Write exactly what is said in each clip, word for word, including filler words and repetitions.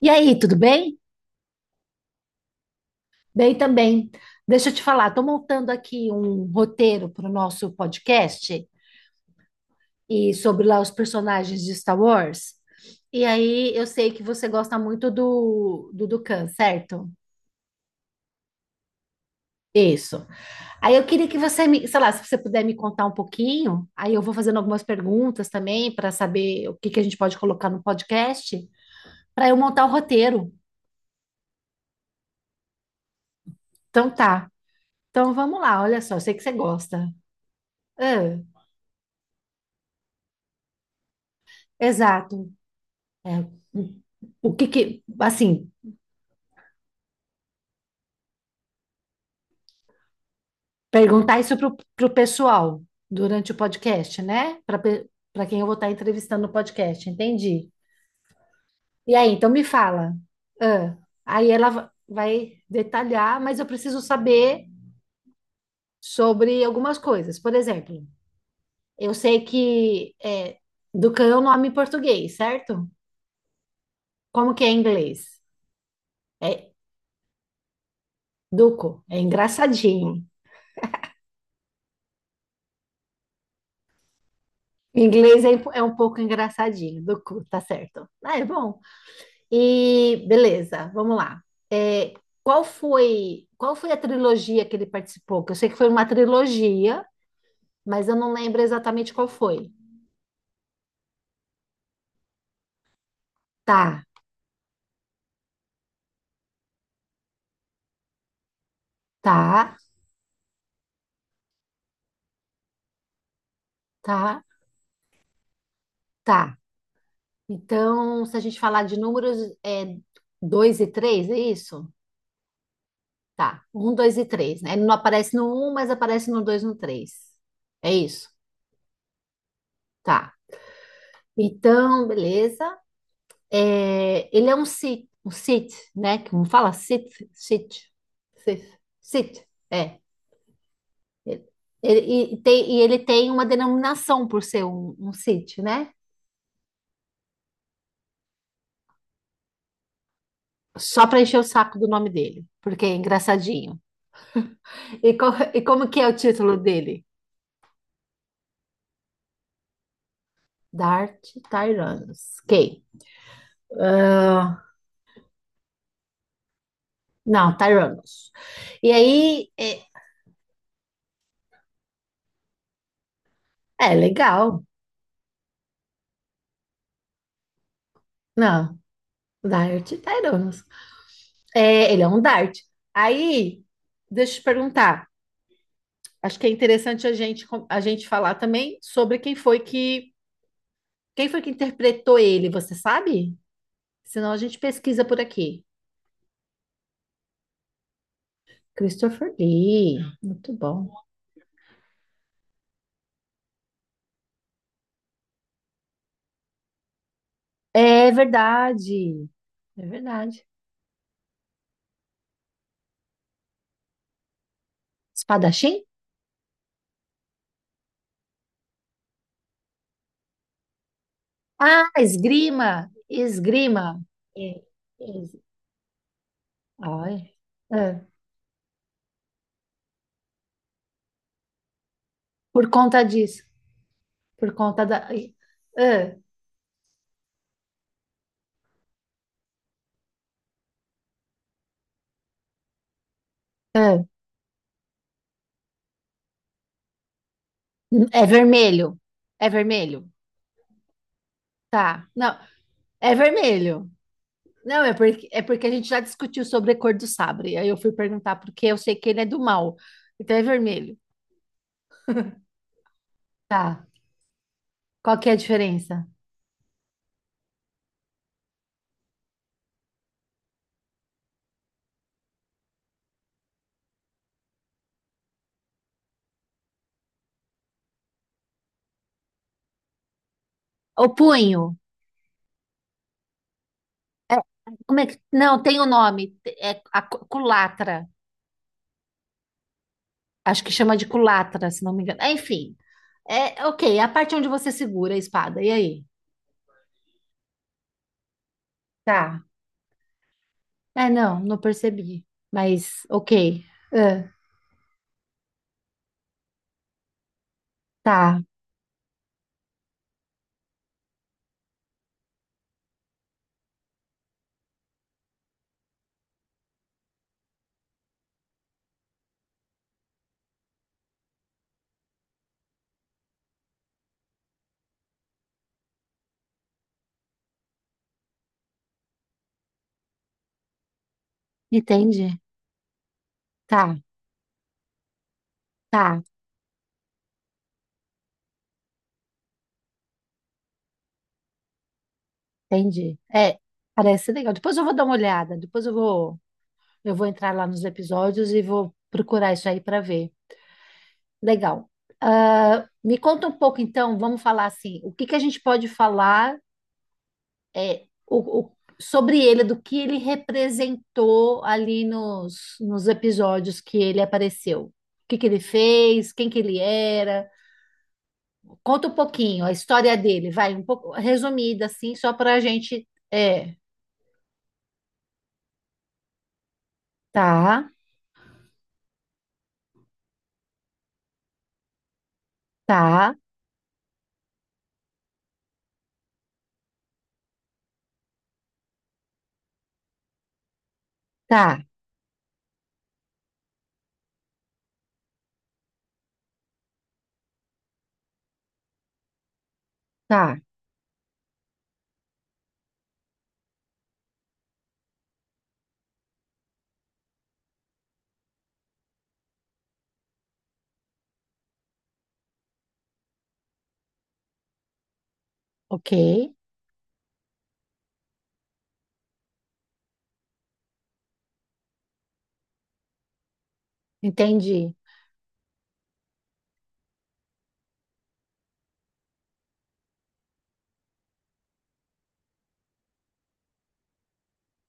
E aí, tudo bem? Bem também. Deixa eu te falar, estou montando aqui um roteiro para o nosso podcast e sobre lá os personagens de Star Wars. E aí, eu sei que você gosta muito do do Dukan, certo? Isso. Aí eu queria que você me, sei lá, se você puder me contar um pouquinho, aí eu vou fazendo algumas perguntas também para saber o que que a gente pode colocar no podcast para eu montar o roteiro. Então tá. Então vamos lá, olha só, eu sei que você gosta. Ah, exato. É. O que que, assim, perguntar isso pro, pro pessoal durante o podcast, né? Para para quem eu vou estar entrevistando no podcast, entendi. E aí, então me fala. Ah, aí ela va- vai detalhar, mas eu preciso saber sobre algumas coisas. Por exemplo, eu sei que é, Ducan é o nome em português, certo? Como que é em inglês? É Duco, é engraçadinho. Em inglês é, é um pouco engraçadinho, Duco, tá certo. Ah, é bom. E beleza, vamos lá. É, qual foi, qual foi a trilogia que ele participou? Que eu sei que foi uma trilogia, mas eu não lembro exatamente qual foi. Tá, tá, tá, tá. Então, se a gente falar de números, é dois e três, é isso? Tá, um, dois e três, né? Ele não aparece no um, mas aparece no dois e no três. É isso? Tá. Então, beleza. É, ele é um Sith, um Sith, né? Como fala? Sith, Sith, Sith, Sith, é. Ele- ele- e, tem- e ele tem uma denominação por ser um, um Sith, né? Só para encher o saco do nome dele, porque é engraçadinho. E, co- e como que é o título dele? Dart Tyrannus. Quem? Ah, não, Tyrannus. E aí, é, é legal. Não, Dart Tyrannus. É, ele é um Dart. Aí, deixa eu te perguntar. Acho que é interessante a gente, a gente falar também sobre quem foi que quem foi que interpretou ele, você sabe? Senão a gente pesquisa por aqui. Christopher Lee, muito bom. É verdade, é verdade. Espadachim? Ah, esgrima, esgrima. É, es- ai, é. É, por conta disso, por conta da. Ai, É, é. É vermelho, é vermelho. Tá, não, é vermelho. Não, é porque, é porque a gente já discutiu sobre a cor do sabre. Aí eu fui perguntar porque eu sei que ele é do mal. Então é vermelho. Tá. Qual que é a diferença? O punho. É, como é que... não, tem o nome. É a cu- culatra. Acho que chama de culatra, se não me engano. É, enfim. É, ok, a parte onde você segura a espada. E aí? Tá. É, não, não percebi. Mas, ok. É, tá. Entendi. Tá, tá. Entendi. É, parece legal. Depois eu vou dar uma olhada. Depois eu vou... Eu vou entrar lá nos episódios e vou procurar isso aí para ver. Legal. Ah, me conta um pouco, então, vamos falar assim, o que que a gente pode falar é, o- o- sobre ele, do que ele representou ali nos, nos episódios que ele apareceu. O que que ele fez, quem que ele era. Conta um pouquinho a história dele, vai, um pouco resumida, assim, só para a gente. É, tá, tá, tá, tá, ok, entendi,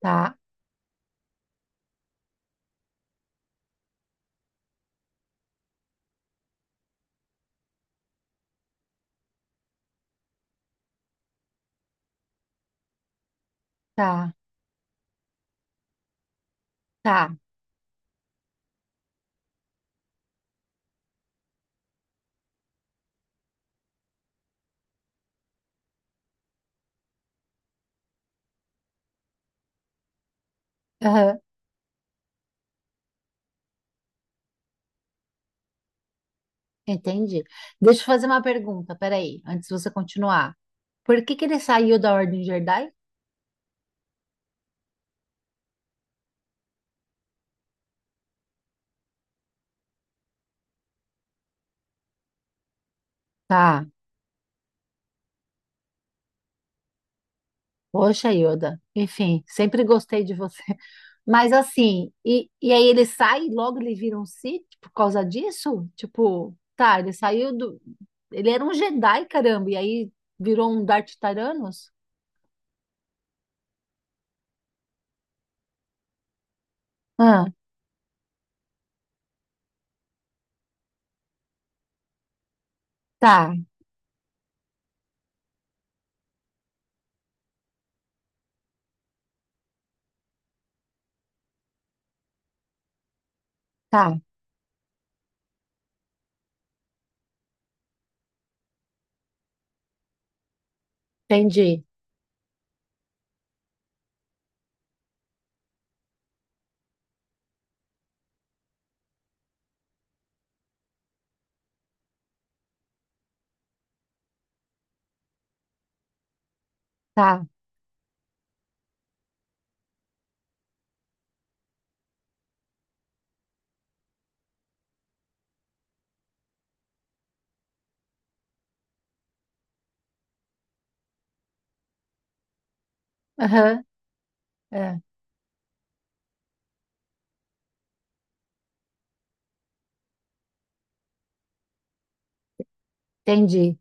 tá, tá. Tá. Aham, entendi. Deixa eu fazer uma pergunta, peraí, antes de você continuar. Por que que ele saiu da Ordem Jedi? Tá, poxa, Yoda. Enfim, sempre gostei de você. Mas assim, e, e aí ele sai e logo ele vira um Sith por causa disso? Tipo, tá, ele saiu do. Ele era um Jedi, caramba, e aí virou um Darth Tyrannus? Ah, tá, tá, entendi. Tá, aham, é, entendi.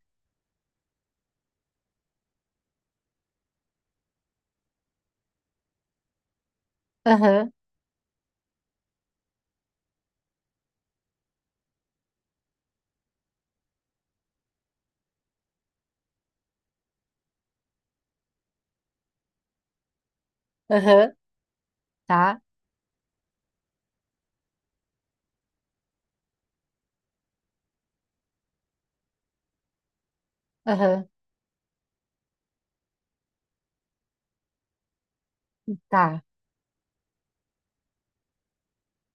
Aham, aham, tá, aham, tá.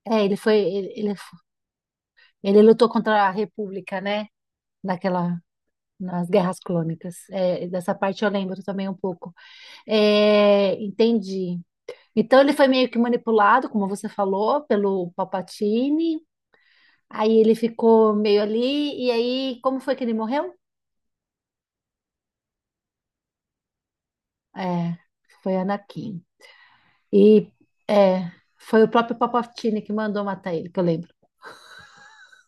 É, ele foi, ele, ele, é fo- ele lutou contra a República, né? Naquela, nas Guerras Clônicas. É, dessa parte eu lembro também um pouco. É, entendi. Então ele foi meio que manipulado, como você falou, pelo Palpatine. Aí ele ficou meio ali. E aí, como foi que ele morreu? É, foi Anakin. E é, foi o próprio Palpatine que mandou matar ele, que eu lembro.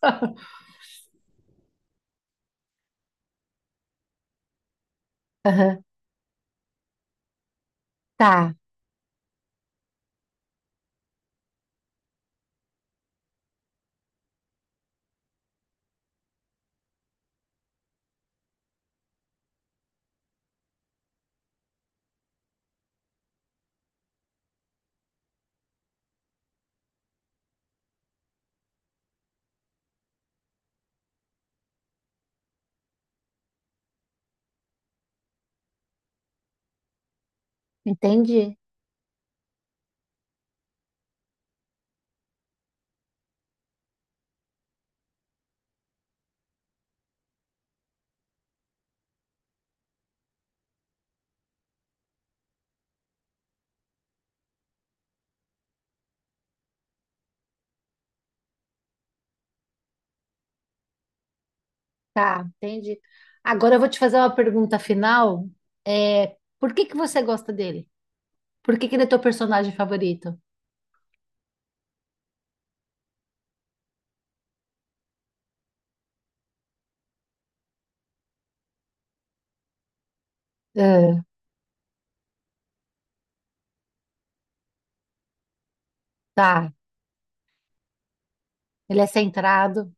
Aham. Tá, entendi. Tá, entendi. Agora eu vou te fazer uma pergunta final. É, por que que você gosta dele? Por que que ele é teu personagem favorito? Ah, tá, ele é centrado,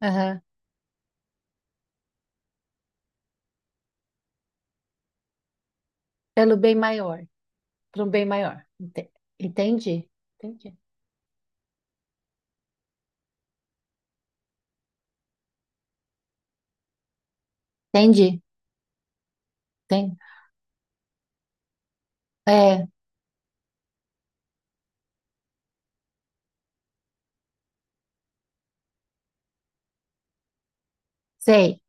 aham, pelo bem maior, para um bem maior. Ente- Entendi, entendi, entendi, entendi. É, sei.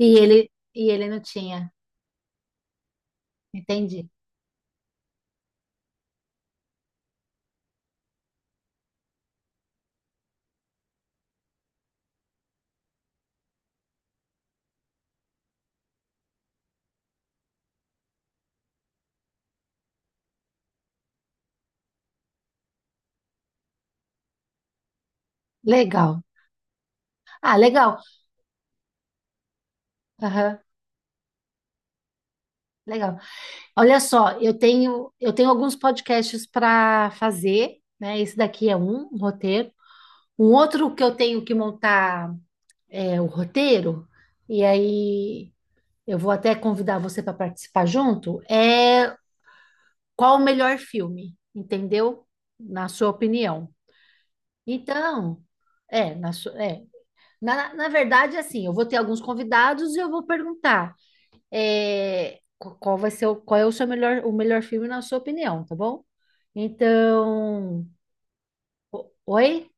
E ele, e ele não tinha. Entendi. Legal. Ah, legal. Aham, legal. Olha só, eu tenho, eu tenho alguns podcasts para fazer, né? Esse daqui é um, um roteiro. Um outro que eu tenho que montar é o roteiro, e aí eu vou até convidar você para participar junto, é qual o melhor filme, entendeu? Na sua opinião. Então, é, na, su- é. Na, na verdade, assim, eu vou ter alguns convidados e eu vou perguntar é, qu- qual vai ser o, qual é o seu melhor, o melhor filme na sua opinião, tá bom? Então, oi?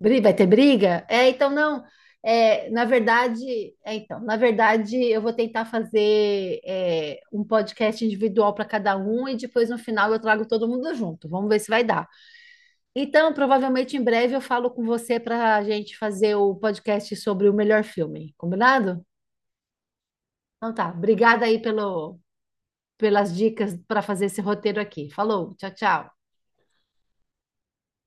Bri- Vai ter briga? É, então não. É, na verdade, é, então, na verdade, eu vou tentar fazer é, um podcast individual para cada um e depois no final eu trago todo mundo junto. Vamos ver se vai dar. Então, provavelmente em breve eu falo com você para a gente fazer o podcast sobre o melhor filme, combinado? Então tá. Obrigada aí pelo, pelas dicas para fazer esse roteiro aqui. Falou, tchau, tchau.